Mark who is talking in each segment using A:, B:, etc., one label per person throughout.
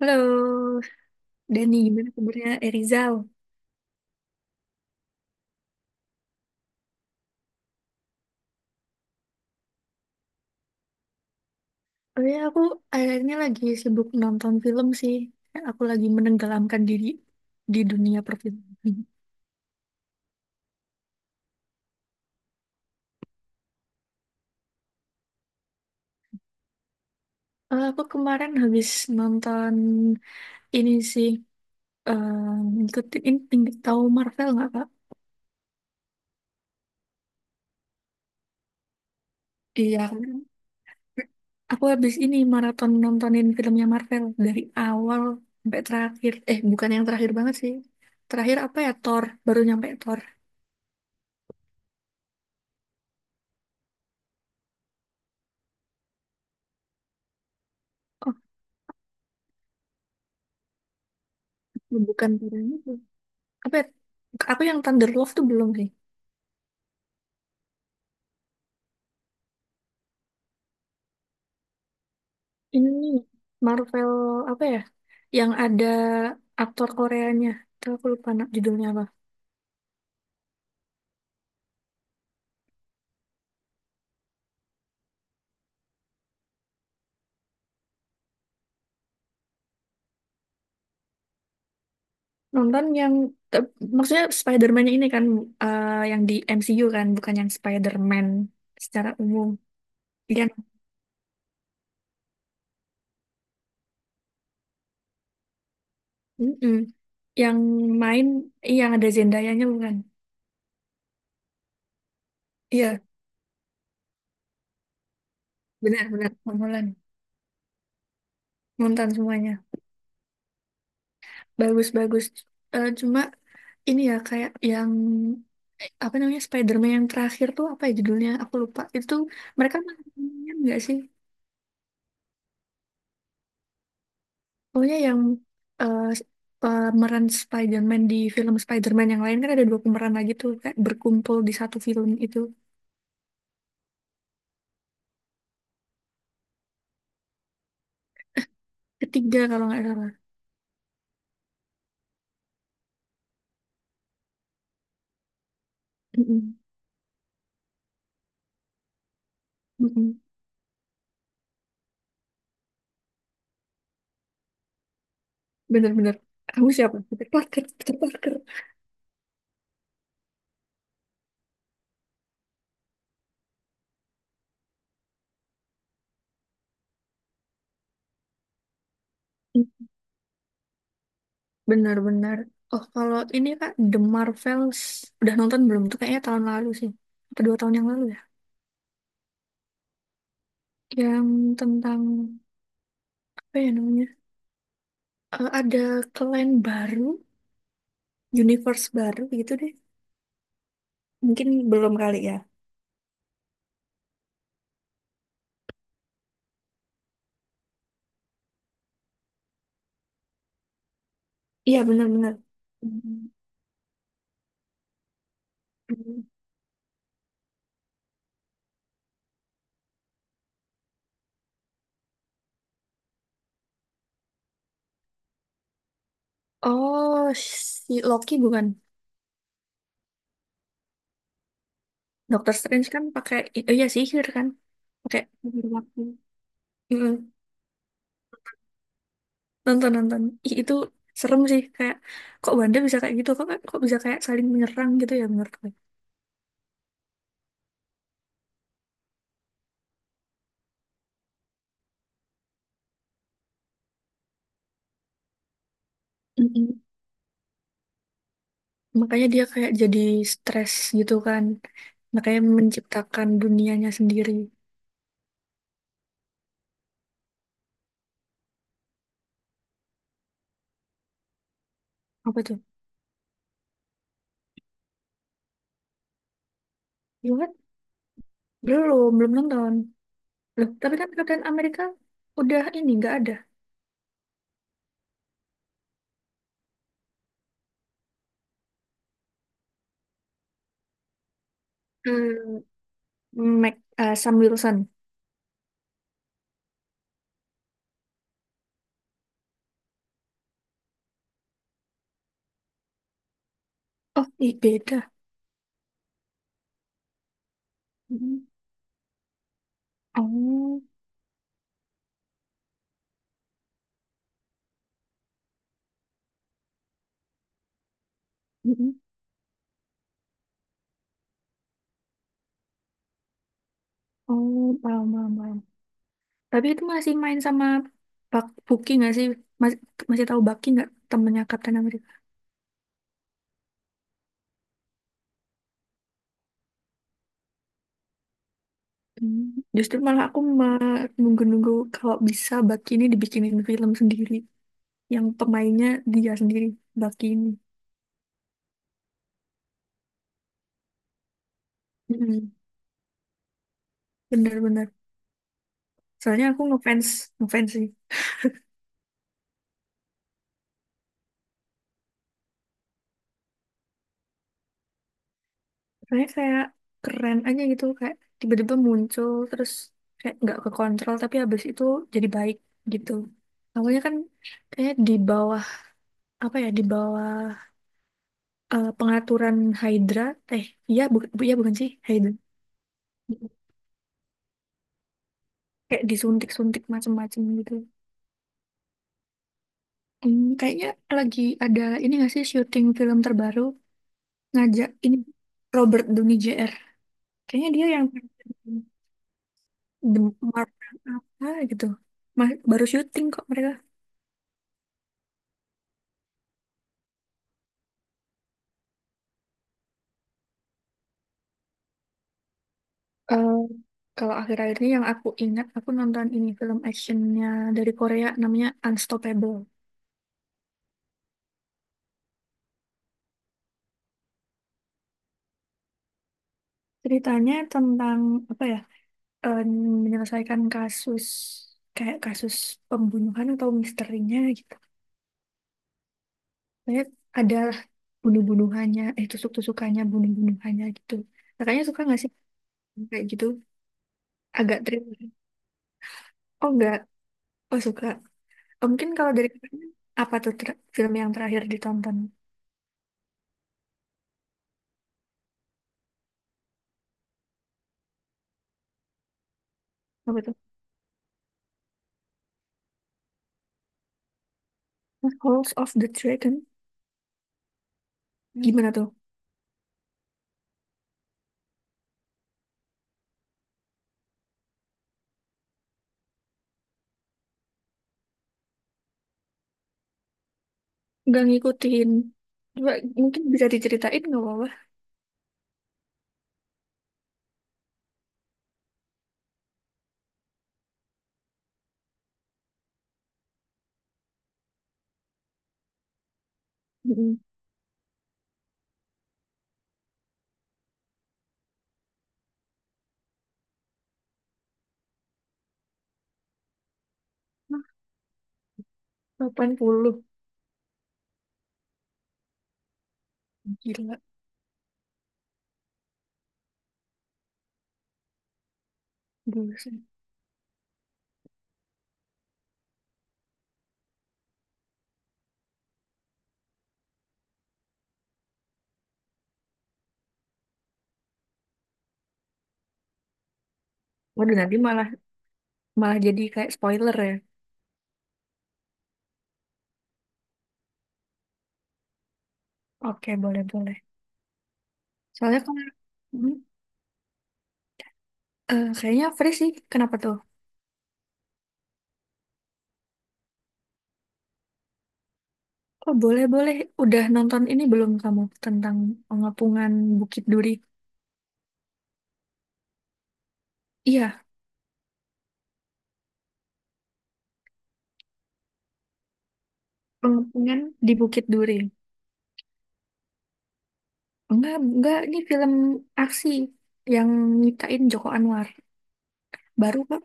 A: Halo, Dani, gimana kabarnya? Rizal. Oh ya, aku akhirnya lagi sibuk nonton film sih. Aku lagi menenggelamkan diri di dunia perfilman. Aku kemarin habis nonton ini sih, eh, ngikutin ini tinggi tahu Marvel nggak Kak? Iya, kemarin aku habis ini maraton nontonin filmnya Marvel dari awal sampai terakhir. Bukan yang terakhir banget sih. Terakhir apa ya, Thor. Baru nyampe Thor. Oh, bukan Thor. Apa ya, aku yang Thunder Love tuh belum sih. Ini nih, Marvel apa ya yang ada aktor Koreanya tuh aku lupa judulnya apa. Nonton yang maksudnya Spider-Man ini kan, yang di MCU kan bukan yang Spider-Man secara umum. Iya. Mm-mm. Yang main, iya, yang ada Zendaya nya bukan. Iya, benar-benar Tom Holland. Nonton semuanya. Bagus-bagus. Cuma ini ya kayak yang, apa namanya, Spider-Man yang terakhir tuh apa ya judulnya? Aku lupa. Itu mereka main nggak sih? Pokoknya yang, eh, s- pemeran Spider-Man di film Spider-Man yang lain kan ada dua pemeran lagi tuh kayak berkumpul di satu film itu. Ketiga kalau nggak salah. Mm-mm. Mm-mm. Bener-bener. Kamu siapa? Peter Parker. Peter Parker. Mm. Bener-bener. Oh kalau ini kak The Marvels udah nonton belum? Tuh kayaknya tahun lalu sih. Atau dua tahun yang lalu ya? Yang tentang apa ya namanya? Ada clan baru, universe baru gitu deh. Mungkin belum kali ya. Iya, benar-benar. Hmm. Oh, si Loki bukan. Doctor Strange kan pakai, oh iya sihir kan, pakai sihir waktu. Mm-mm. Nonton nonton. Ih, itu serem sih. Kayak kok Wanda bisa kayak gitu? Kok kok bisa kayak saling menyerang gitu ya menurut gue. Mm-mm. Makanya dia kayak jadi stres gitu kan. Makanya menciptakan dunianya sendiri. Apa tuh? Iya kan? Belum, belum nonton. Loh, tapi kan Kapten Amerika udah ini, nggak ada. Hmm, Mac, Sam Wilson. Oh, ih, beda. Mm-mm. Oh, mm-mm. Oh, paham, paham, paham. Tapi itu masih main sama Bucky nggak sih? Mas- masih tahu Bucky nggak temennya Kapten Amerika? Hmm, justru malah aku nunggu-nunggu kalau bisa Bucky ini dibikinin film sendiri. Yang pemainnya dia sendiri, Bucky ini. Mm-mm. Bener-bener. Soalnya ngefans sih. Soalnya kayak keren aja gitu kayak tiba-tiba muncul terus kayak nggak ke kontrol tapi habis itu jadi baik gitu. Awalnya kan kayak di bawah apa ya, di bawah, pengaturan Hydra, eh iya bu, bu- iya bukan sih Hydra, kayak disuntik-suntik macem-macem gitu. Hmm, kayaknya lagi ada ini nggak sih syuting film terbaru ngajak ini Robert Downey Jr. Kayaknya dia yang The Marvel apa gitu. Baru syuting kok mereka. Kalau akhir-akhir ini yang aku ingat, aku nonton ini film actionnya dari Korea namanya Unstoppable. Ceritanya tentang apa ya? em, menyelesaikan kasus, kayak kasus pembunuhan atau misterinya gitu. Kayak ada bunuh-bunuhannya, eh tusuk-tusukannya, bunuh-bunuhannya gitu. Kakaknya suka nggak sih kayak gitu? Agak thriller. Oh enggak, oh suka. Oh, mungkin kalau dari kakaknya, apa tuh film yang terakhir ditonton? Apa tuh? House of the Dragon. Gimana tuh? Nggak ngikutin. Coba mungkin bisa diceritain nggak apa-apa. Mm-mm. Hah, 80. Gila. Buset. Waduh, nanti malah malah jadi kayak spoiler ya. Oke, boleh-boleh. Soalnya kalau, hmm, kayaknya free sih. Kenapa tuh? Oh, boleh-boleh. Udah nonton ini belum kamu tentang pengepungan Bukit Duri? Iya, pengepungan di Bukit Duri. Enggak, enggak. Ini film aksi yang nyitain Joko Anwar. Baru kok.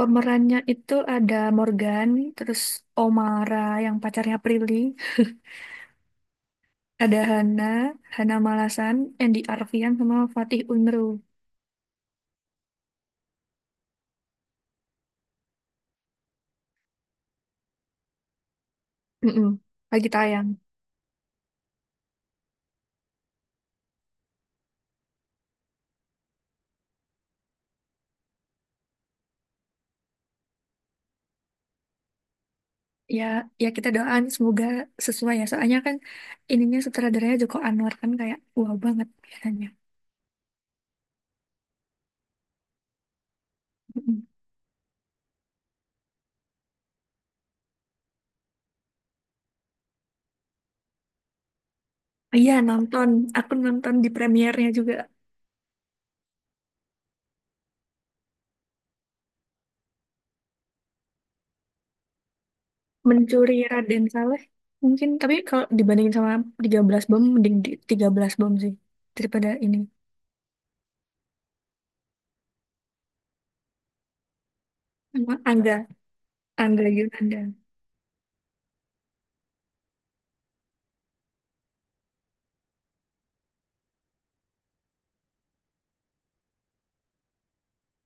A: Pemerannya itu ada Morgan, terus Omara yang pacarnya Prilly, ada Hana, Hana Malasan, Andy Arfian, sama Fatih Unru. Mm-mm. Lagi tayang. Ya, ya kita doain semoga sesuai ya. Soalnya kan ininya sutradaranya Joko Anwar kan kayak wow banget biasanya. Mm-mm. Iya nonton, aku nonton di premiernya juga. Mencuri Raden Saleh. Mungkin, tapi kalau dibandingin sama 13 bom, mending di 13 bom sih. Daripada ini. Sama Angga. Angga Yunanda.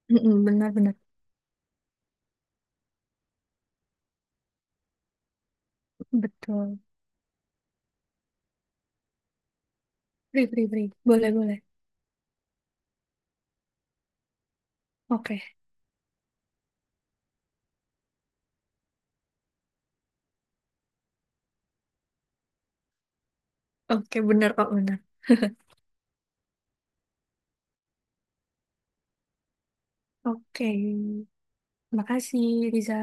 A: Mm-mm, benar-benar. Betul. Free, free, free. Boleh, boleh. Oke. Oke, benar kok, benar. Oke. Makasih, Riza.